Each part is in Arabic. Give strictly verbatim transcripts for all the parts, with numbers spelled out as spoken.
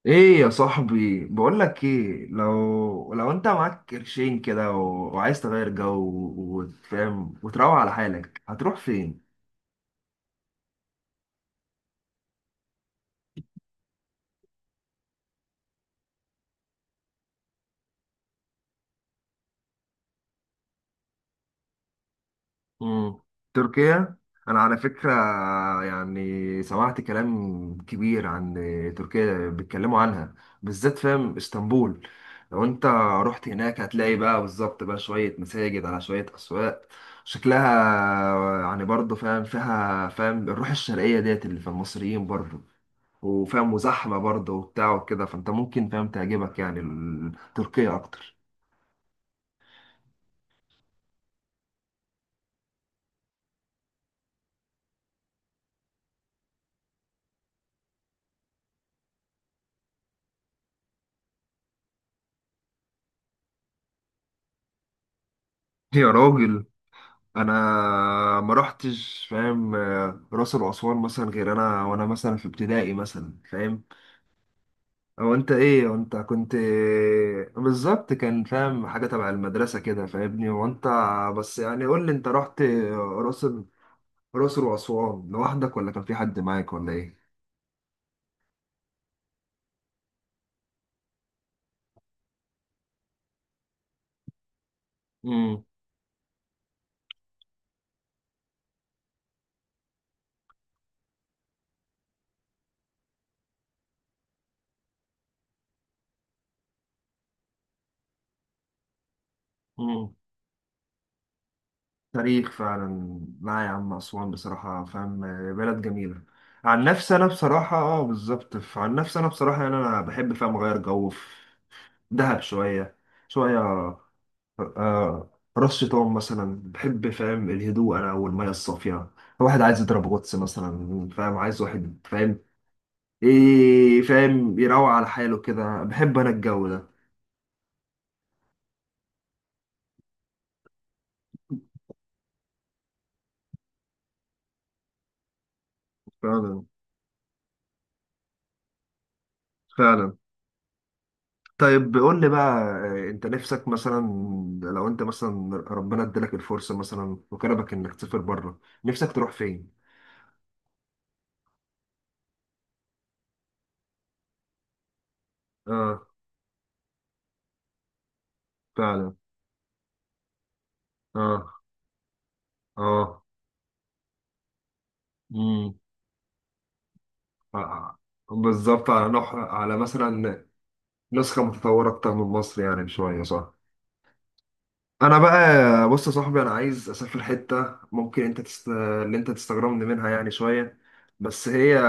ايه يا صاحبي، بقول لك ايه، لو لو انت معاك قرشين كده و... وعايز تغير جو وتفهم وتروق على حالك هتروح فين؟ امم تركيا. انا على فكرة يعني سمعت كلام كبير عن تركيا، بيتكلموا عنها بالذات فاهم؟ اسطنبول لو انت رحت هناك هتلاقي بقى بالظبط بقى شوية مساجد على شوية اسواق. شكلها يعني برضه فاهم فيها؟ فاهم الروح الشرقية ديت اللي في المصريين برضه، وفاهم وزحمة برضه وبتاع وكده. فانت ممكن فاهم تعجبك يعني ال- تركيا اكتر. يا راجل، انا ما رحتش فاهم آه، راس الاسوان مثلا غير انا، وانا مثلا في ابتدائي مثلا فاهم، او انت ايه وانت كنت؟ بالظبط، كان فاهم حاجة تبع المدرسة كده، فاهمني؟ وانت بس يعني قول لي، انت رحت راس ال- راس الاسوان لوحدك ولا كان في حد معاك ولا ايه؟ امم تاريخ فعلا. لا يا عم، أسوان بصراحة فاهم بلد جميلة. عن نفسي أنا بصراحة اه بالظبط ف- عن نفسي أنا بصراحة يعني أنا بحب فاهم أغير جو في دهب شوية شوية آه، راس شيطان مثلا، بحب فاهم الهدوء أنا والمية الصافية. واحد عايز يضرب غطس مثلا فاهم، عايز واحد فاهم إيه، فاهم يروق على حاله كده. بحب أنا الجو ده فعلا فعلا. طيب قول لي بقى آه، انت نفسك مثلا، لو انت مثلا ربنا ادالك الفرصة مثلا وكرمك انك تسافر بره، نفسك تروح فين؟ اه، فعلا. اه اه. امم. آه. آه، بالظبط على نح على مثلا نسخة متطورة اكتر من مصر يعني شوية، صح؟ انا بقى بص يا صاحبي، انا عايز اسافر حته ممكن انت تست... اللي انت تستغربني منها يعني شويه، بس هي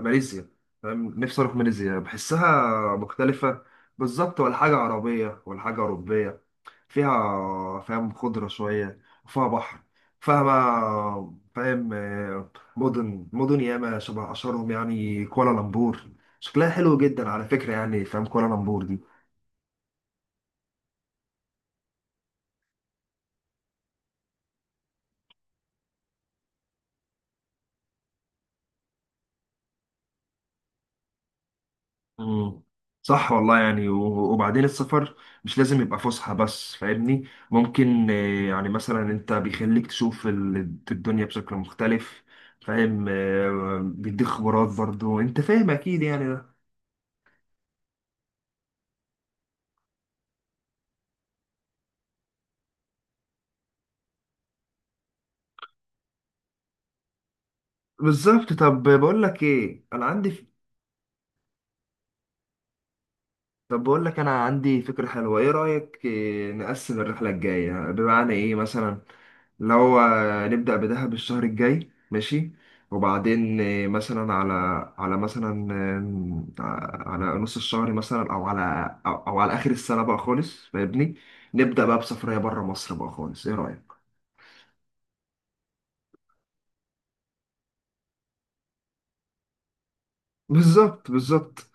ماليزيا. فاهم؟ نفسي اروح ماليزيا، بحسها مختلفه. بالظبط، ولا حاجه عربيه ولا حاجه اوروبيه. فيها فاهم خضره شويه وفيها بحر. فيها بقى فاهم آه، مدن مدن ياما، شبه اشهرهم يعني كوالالمبور. شكلها حلو جدا على فكره، يعني فاهم كوالالمبور. مم. صح والله يعني و- وبعدين السفر مش لازم يبقى فسحة بس، فاهمني؟ ممكن آه، يعني مثلا انت بيخليك تشوف ال- الدنيا بشكل مختلف. فاهم آه، بيديك خبرات برضو انت فاهم، اكيد يعني ده. بالظبط. طب بقول لك ايه، انا عندي، طب بقول لك انا عندي فكرة حلوة، ايه رأيك آه، نقسم الرحلة الجاية بمعنى ايه مثلا، اللي هو نبدأ بدهب الشهر الجاي، ماشي؟ وبعدين آه، مثلا على على مثلا آم، ع- على نص الشهر مثلا، او على او أو على اخر السنة بقى خالص فاهمني، نبدأ بقى بسفرية بره مصر بقى خالص. ايه رأيك؟ بالظبط بالظبط.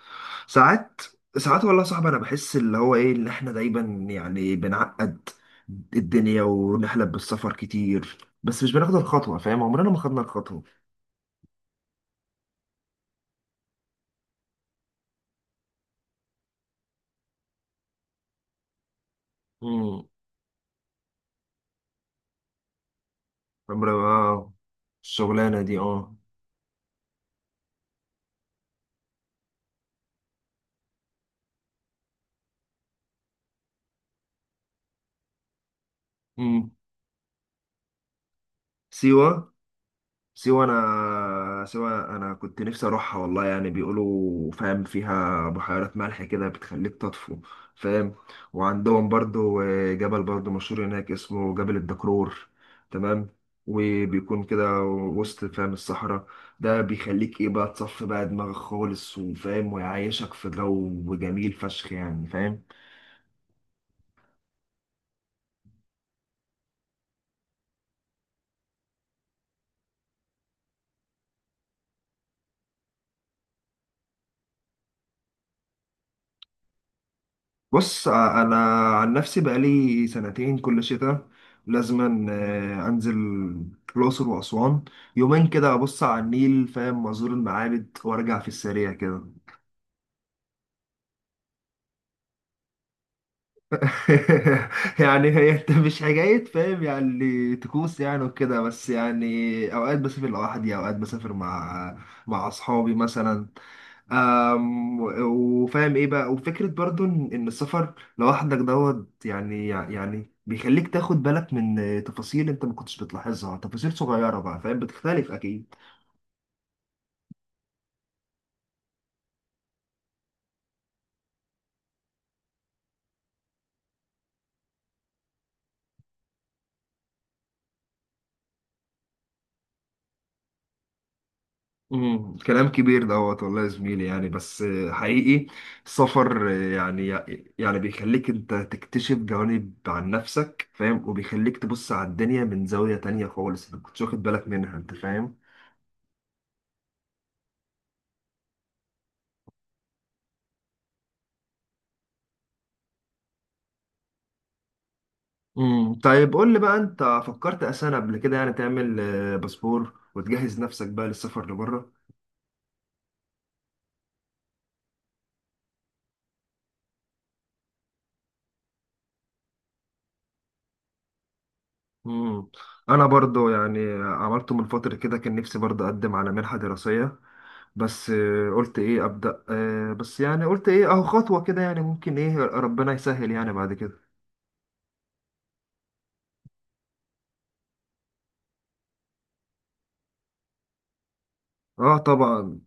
ساعات ساعات والله صعب، انا بحس اللي هو ايه اللي احنا دايما يعني بنعقد الدنيا ونحلم بالسفر كتير، بس مش بناخد الخطوة فاهم؟ عمرنا ما خدنا الخطوة. امم، عمرنا ما الشغلانة دي اه. امم. سيوة. سيوة أنا سيوة أنا كنت نفسي أروحها والله يعني، بيقولوا فاهم فيها بحيرات ملح كده بتخليك تطفو، فاهم؟ وعندهم برضو آه، جبل برضو مشهور هناك، اسمه جبل الدكرور. تمام. وبيكون كده وسط فاهم الصحراء، ده بيخليك ايه بقى تصفي بقى دماغك خالص وفاهم، ويعيشك في جو جميل فشخ يعني فاهم. بص ع- انا عن نفسي بقالي سنتين كل شتاء لازما آه، انزل الاقصر واسوان يومين كده، ابص على النيل فاهم، وازور المعابد وارجع في السريع كده. يعني هي انت مش حكاية فاهم يعني طقوس يعني وكده، بس يعني اوقات بسافر لوحدي، اوقات بسافر مع مع اصحابي مثلا. أم، وفاهم ايه بقى، وفكرة برضو ان إن السفر لوحدك دوت يعني يعني بيخليك تاخد بالك من تفاصيل انت ما كنتش بتلاحظها، تفاصيل صغيرة بقى فاهم، بتختلف اكيد. امم، كلام كبير دوت والله يا زميلي، يعني بس آه، حقيقي السفر آه، يعني يعني بيخليك انت تكتشف جوانب عن نفسك فاهم، وبيخليك تبص على الدنيا من زاوية تانية خالص انت كنتش واخد بالك منها، انت فاهم. امم. طيب قول لي بقى، انت فكرت اساسا قبل كده يعني تعمل آه، باسبور وتجهز نفسك بقى للسفر لبره؟ مم. انا برضو يعني عملته من فترة كده، كان نفسي برضو اقدم على منحة دراسية، بس آه، قلت ايه ابدا آه، بس يعني قلت ايه، اهو خطوة كده يعني، ممكن ايه ربنا يسهل يعني بعد كده. اه طبعا،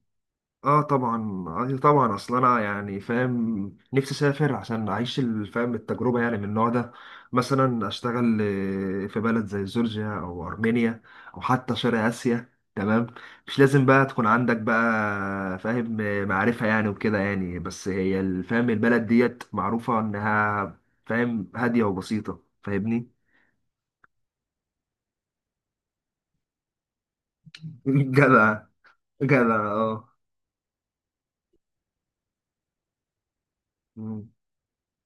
اه طبعا آه طبعا، اصل انا يعني فاهم نفسي اسافر عشان اعيش الفهم التجربه يعني من النوع ده. مثلا اشتغل آه، في بلد زي جورجيا او ارمينيا او حتى شرق اسيا. تمام. مش لازم بقى تكون عندك بقى فاهم آه، معرفه يعني وكده يعني، بس هي الفهم البلد ديت معروفه انها فاهم هاديه وبسيطه، فاهمني؟ جدع جدع. اه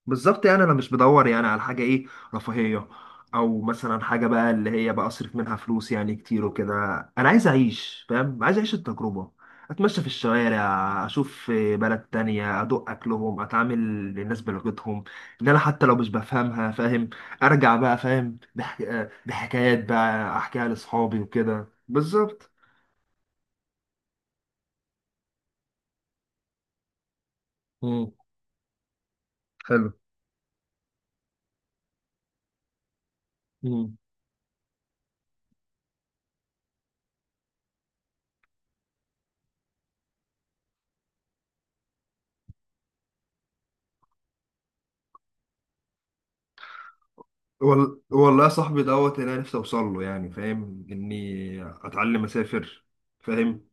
بالظبط، يعني انا مش بدور يعني على حاجه ايه رفاهيه، او مثلا حاجه بقى اللي هي بقى اصرف منها فلوس يعني كتير وكده. انا عايز اعيش فاهم، عايز اعيش التجربه، اتمشى في الشوارع، اشوف بلد تانية، ادوق اكلهم، اتعامل للناس بلغتهم ان انا حتى لو مش بفهمها فاهم. ارجع بقى فاهم بح... بحكايات بقى احكيها لاصحابي وكده. بالظبط. مم. حلو. وال... والله يا صاحبي دوت اللي انا نفسي اوصل له يعني فاهم، اني اتعلم اسافر فاهم،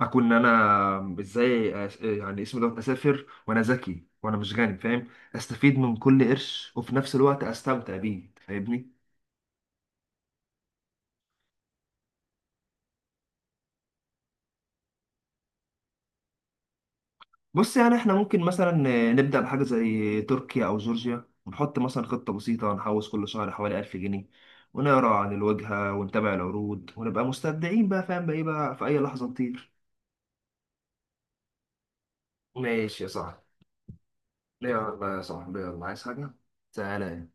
اكون انا ازاي أس... يعني اسمه دوت، اسافر وانا ذكي وانا مش غني فاهم، استفيد من كل قرش وفي نفس الوقت استمتع بيه، فاهمني؟ بص يعني احنا ممكن مثلا نبدا بحاجه زي تركيا او جورجيا، ونحط مثلا خطه بسيطه نحوش كل شهر حوالي ألف جنيه، ونقرا عن الواجهه ونتابع العروض ونبقى مستبدعين بقى فاهم بقى ايه بقى في اي لحظه نطير. ماشي يا صاحبي. ليه يا بقى يا صاحبي، يلا عايز حاجة؟ تعالى